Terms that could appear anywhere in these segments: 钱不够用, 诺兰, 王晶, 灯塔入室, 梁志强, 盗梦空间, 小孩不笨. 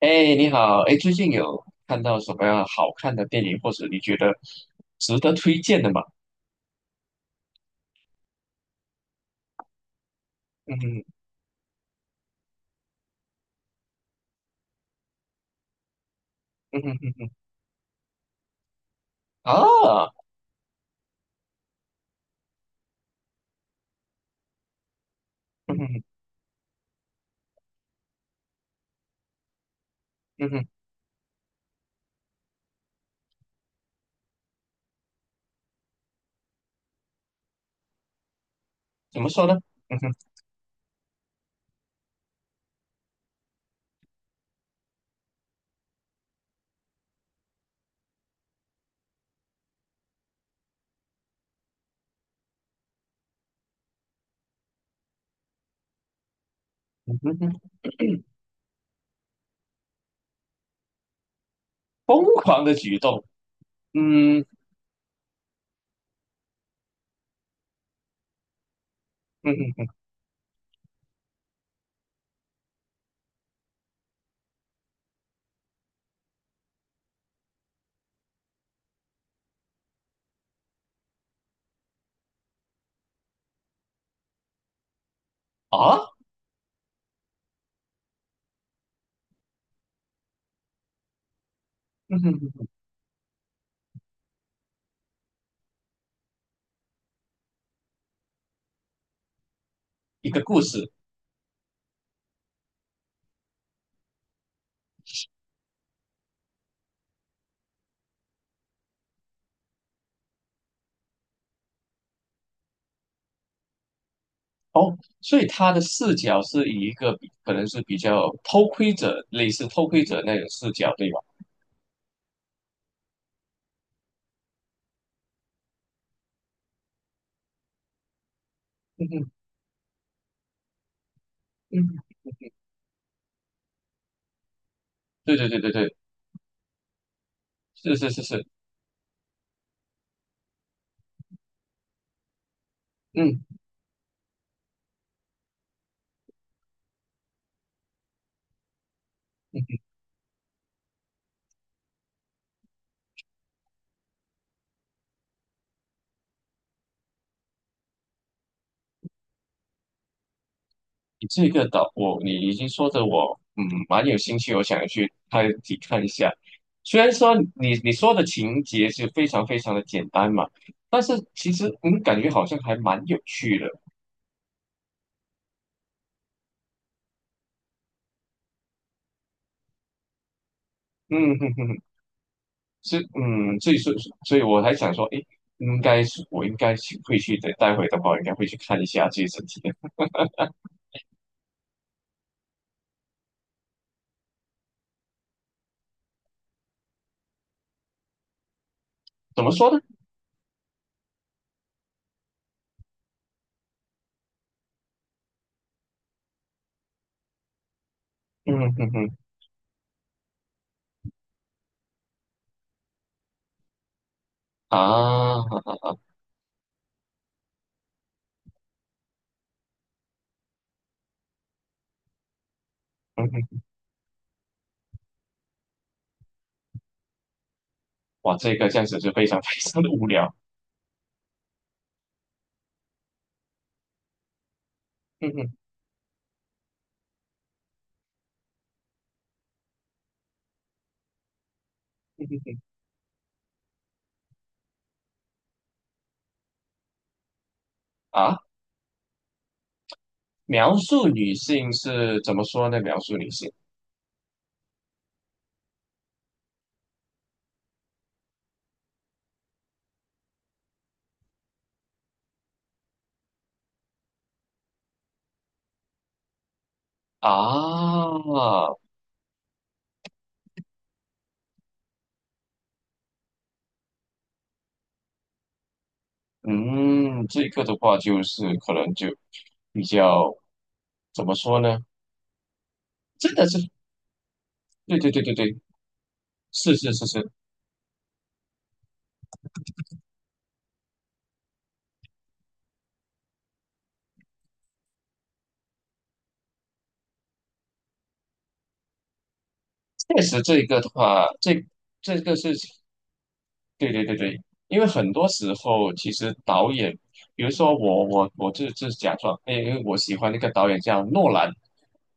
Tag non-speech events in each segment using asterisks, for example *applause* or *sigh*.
你好，最近有看到什么样好看的电影，或者你觉得值得推荐的吗？嗯哼。嗯哼嗯哼。啊。嗯哼嗯哼。怎么说呢？嗯哼哼哼嗯哼。疯狂的举动。嗯嗯哼啊。嗯哼嗯哼。一个故事。哦，所以他的视角是以一个可能是比较偷窥者，类似偷窥者那种视角，对吧？嗯哼。嗯哼，对对对对对，是是是是。嗯嗯。你这个岛，我已经说的我，嗯，蛮有兴趣，我想去看一下。虽然说你说的情节是非常非常的简单嘛，但是其实嗯，感觉好像还蛮有趣的。嗯哼哼，哼，是嗯，所以说，所以我还想说，诶，应该去会去的，待会的话应该会去看一下这一整体的。怎么说呢？嗯哼哼。啊。嗯哼。哇，这个这样子就非常 *laughs* 非常的无聊。嗯哼。啊。描述女性是怎么说呢？描述女性啊。嗯，这个的话就是可能就比较怎么说呢？真的是。对对对对对，是是是是。确实这一个的话，这这个是，对对对对，因为很多时候其实导演，比如说我就假装，因为我喜欢那个导演叫诺兰，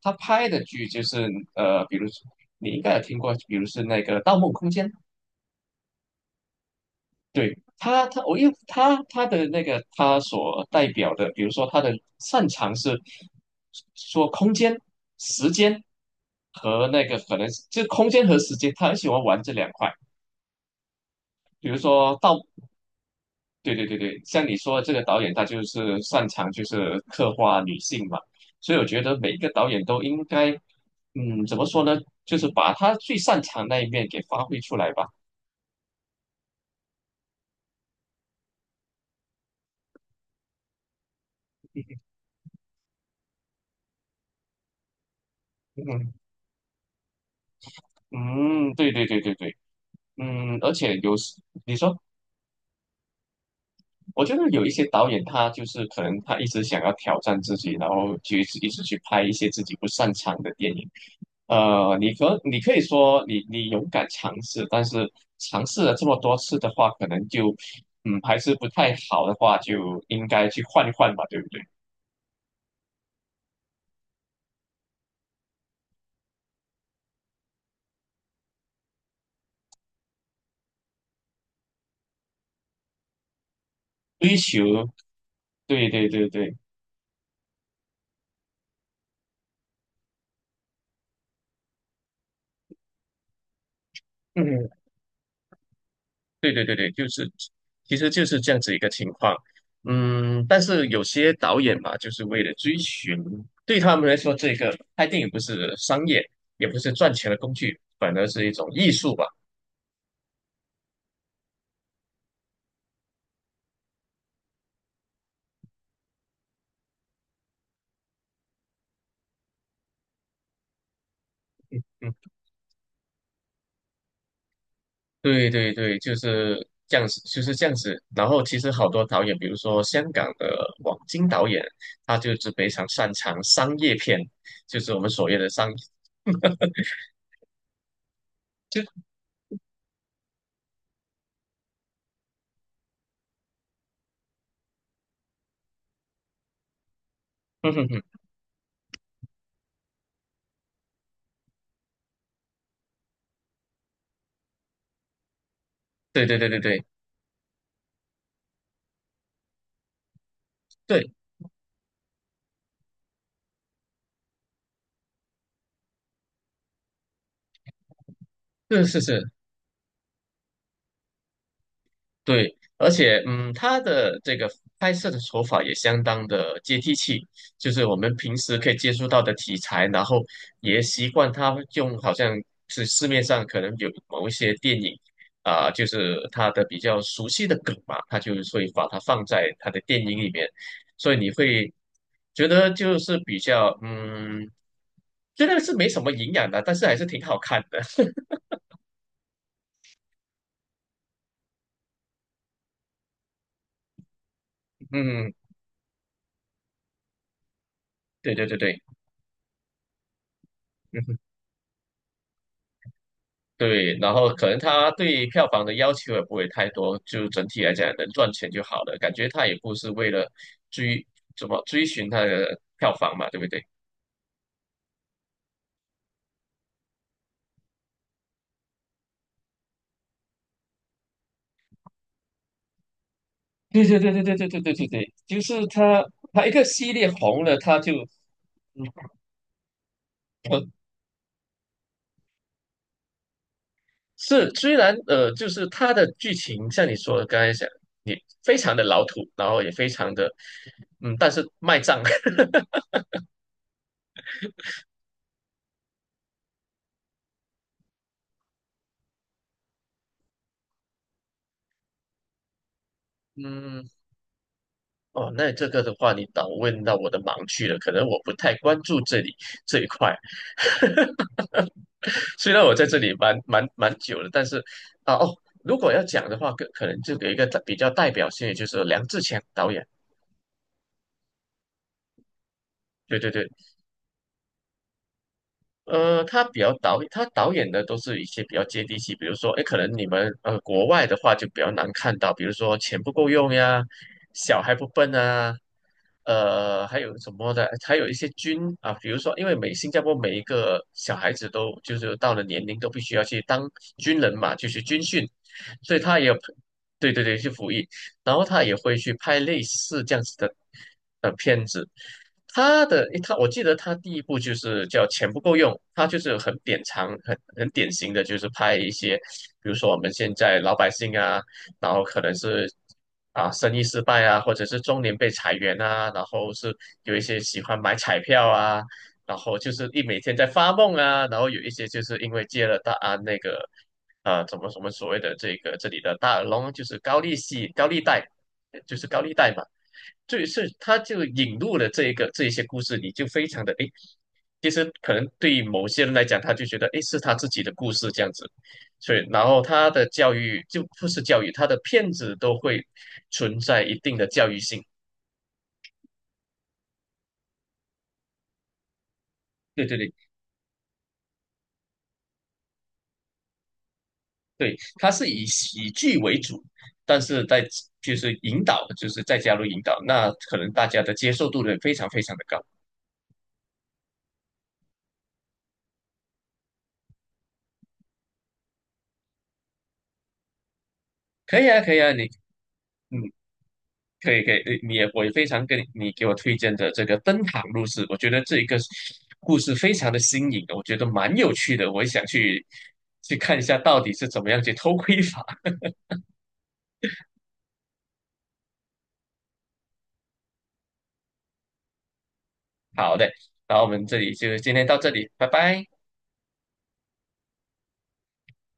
他拍的剧就是呃，比如说你应该有听过，比如是那个《盗梦空间》。对他，因为他的那个他所代表的，比如说他的擅长是说空间、时间和那个可能是就空间和时间，他很喜欢玩这两块。比如说到，对对对对，像你说的这个导演，他就是擅长就是刻画女性嘛，所以我觉得每一个导演都应该，嗯，怎么说呢，就是把他最擅长那一面给发挥出来吧。嗯嗯。对对对对对。嗯，而且有时你说。我觉得有一些导演，他就是可能他一直想要挑战自己，然后就一直去拍一些自己不擅长的电影。呃，你可以说你勇敢尝试，但是尝试了这么多次的话，可能就嗯还是不太好的话，就应该去换一换吧，对不对？追求，对对对对。嗯。对对对对，就是其实就是这样子一个情况。嗯，但是有些导演嘛，就是为了追寻，对他们来说，这个拍电影不是商业，也不是赚钱的工具，反而是一种艺术吧。嗯，对对对，就是这样子，就是这样子。然后其实好多导演，比如说香港的王晶导演，他就是非常擅长商业片，就是我们所谓的商，就 *laughs* 嗯哼哼。对对对对对对，是是是。对，而且嗯，他的这个拍摄的手法也相当的接地气，就是我们平时可以接触到的题材，然后也习惯他用好像是市面上可能有某一些电影啊、就是他的比较熟悉的梗嘛，他就会把它放在他的电影里面，所以你会觉得就是比较嗯，觉得是没什么营养的，但是还是挺好看的。*laughs* 嗯，对对对对。嗯对，然后可能他对票房的要求也不会太多，就整体来讲能赚钱就好了。感觉他也不是为了追怎么追寻他的票房嘛，对不对？对对对对对对对对对对，就是他他一个系列红了，他就呃是，虽然呃，就是他的剧情像你说的刚才讲，你非常的老土，然后也非常的嗯，但是卖账。*laughs* 嗯。哦，那这个的话，你倒问到我的盲区了。可能我不太关注这里这一块。*laughs* 虽然我在这里蛮久了，但是啊哦，如果要讲的话，可能就有一个比较代表性的，就是梁志强导演。对对对，呃，他导演的都是一些比较接地气，比如说，哎，可能你们呃国外的话就比较难看到，比如说钱不够用呀，小孩不笨啊，呃，还有什么的，还有一些军啊，比如说，因为新加坡每一个小孩子都就是到了年龄都必须要去当军人嘛，就是军训，所以他也有，对对对，去服役。然后他也会去拍类似这样子的呃片子。他的他，我记得他第一部就是叫《钱不够用》，他就是很典藏、很典型的，就是拍一些，比如说我们现在老百姓啊，然后可能是啊生意失败啊，或者是中年被裁员啊，然后是有一些喜欢买彩票啊，然后就是一每天在发梦啊，然后有一些就是因为接了大啊那个啊，怎么什么所谓的这个这里的大耳窿，就是高利息、高利贷，呃就是高利贷嘛。就是他就引入了这一些故事，你就非常的诶，其实可能对于某些人来讲，他就觉得诶是他自己的故事这样子，所以然后他的教育就不是教育，他的骗子都会存在一定的教育性。对对对对，他是以喜剧为主，但是在就是引导，就是再加入引导，那可能大家的接受度呢非常非常的高。可以啊，可以啊，你嗯，可以可以，你你也我也非常跟你给我推荐的这个《灯塔入室》，我觉得这一个故事非常的新颖，我觉得蛮有趣的，我也想去去看一下到底是怎么样去偷窥法。*laughs* 好的，那我们这里就今天到这里，拜拜。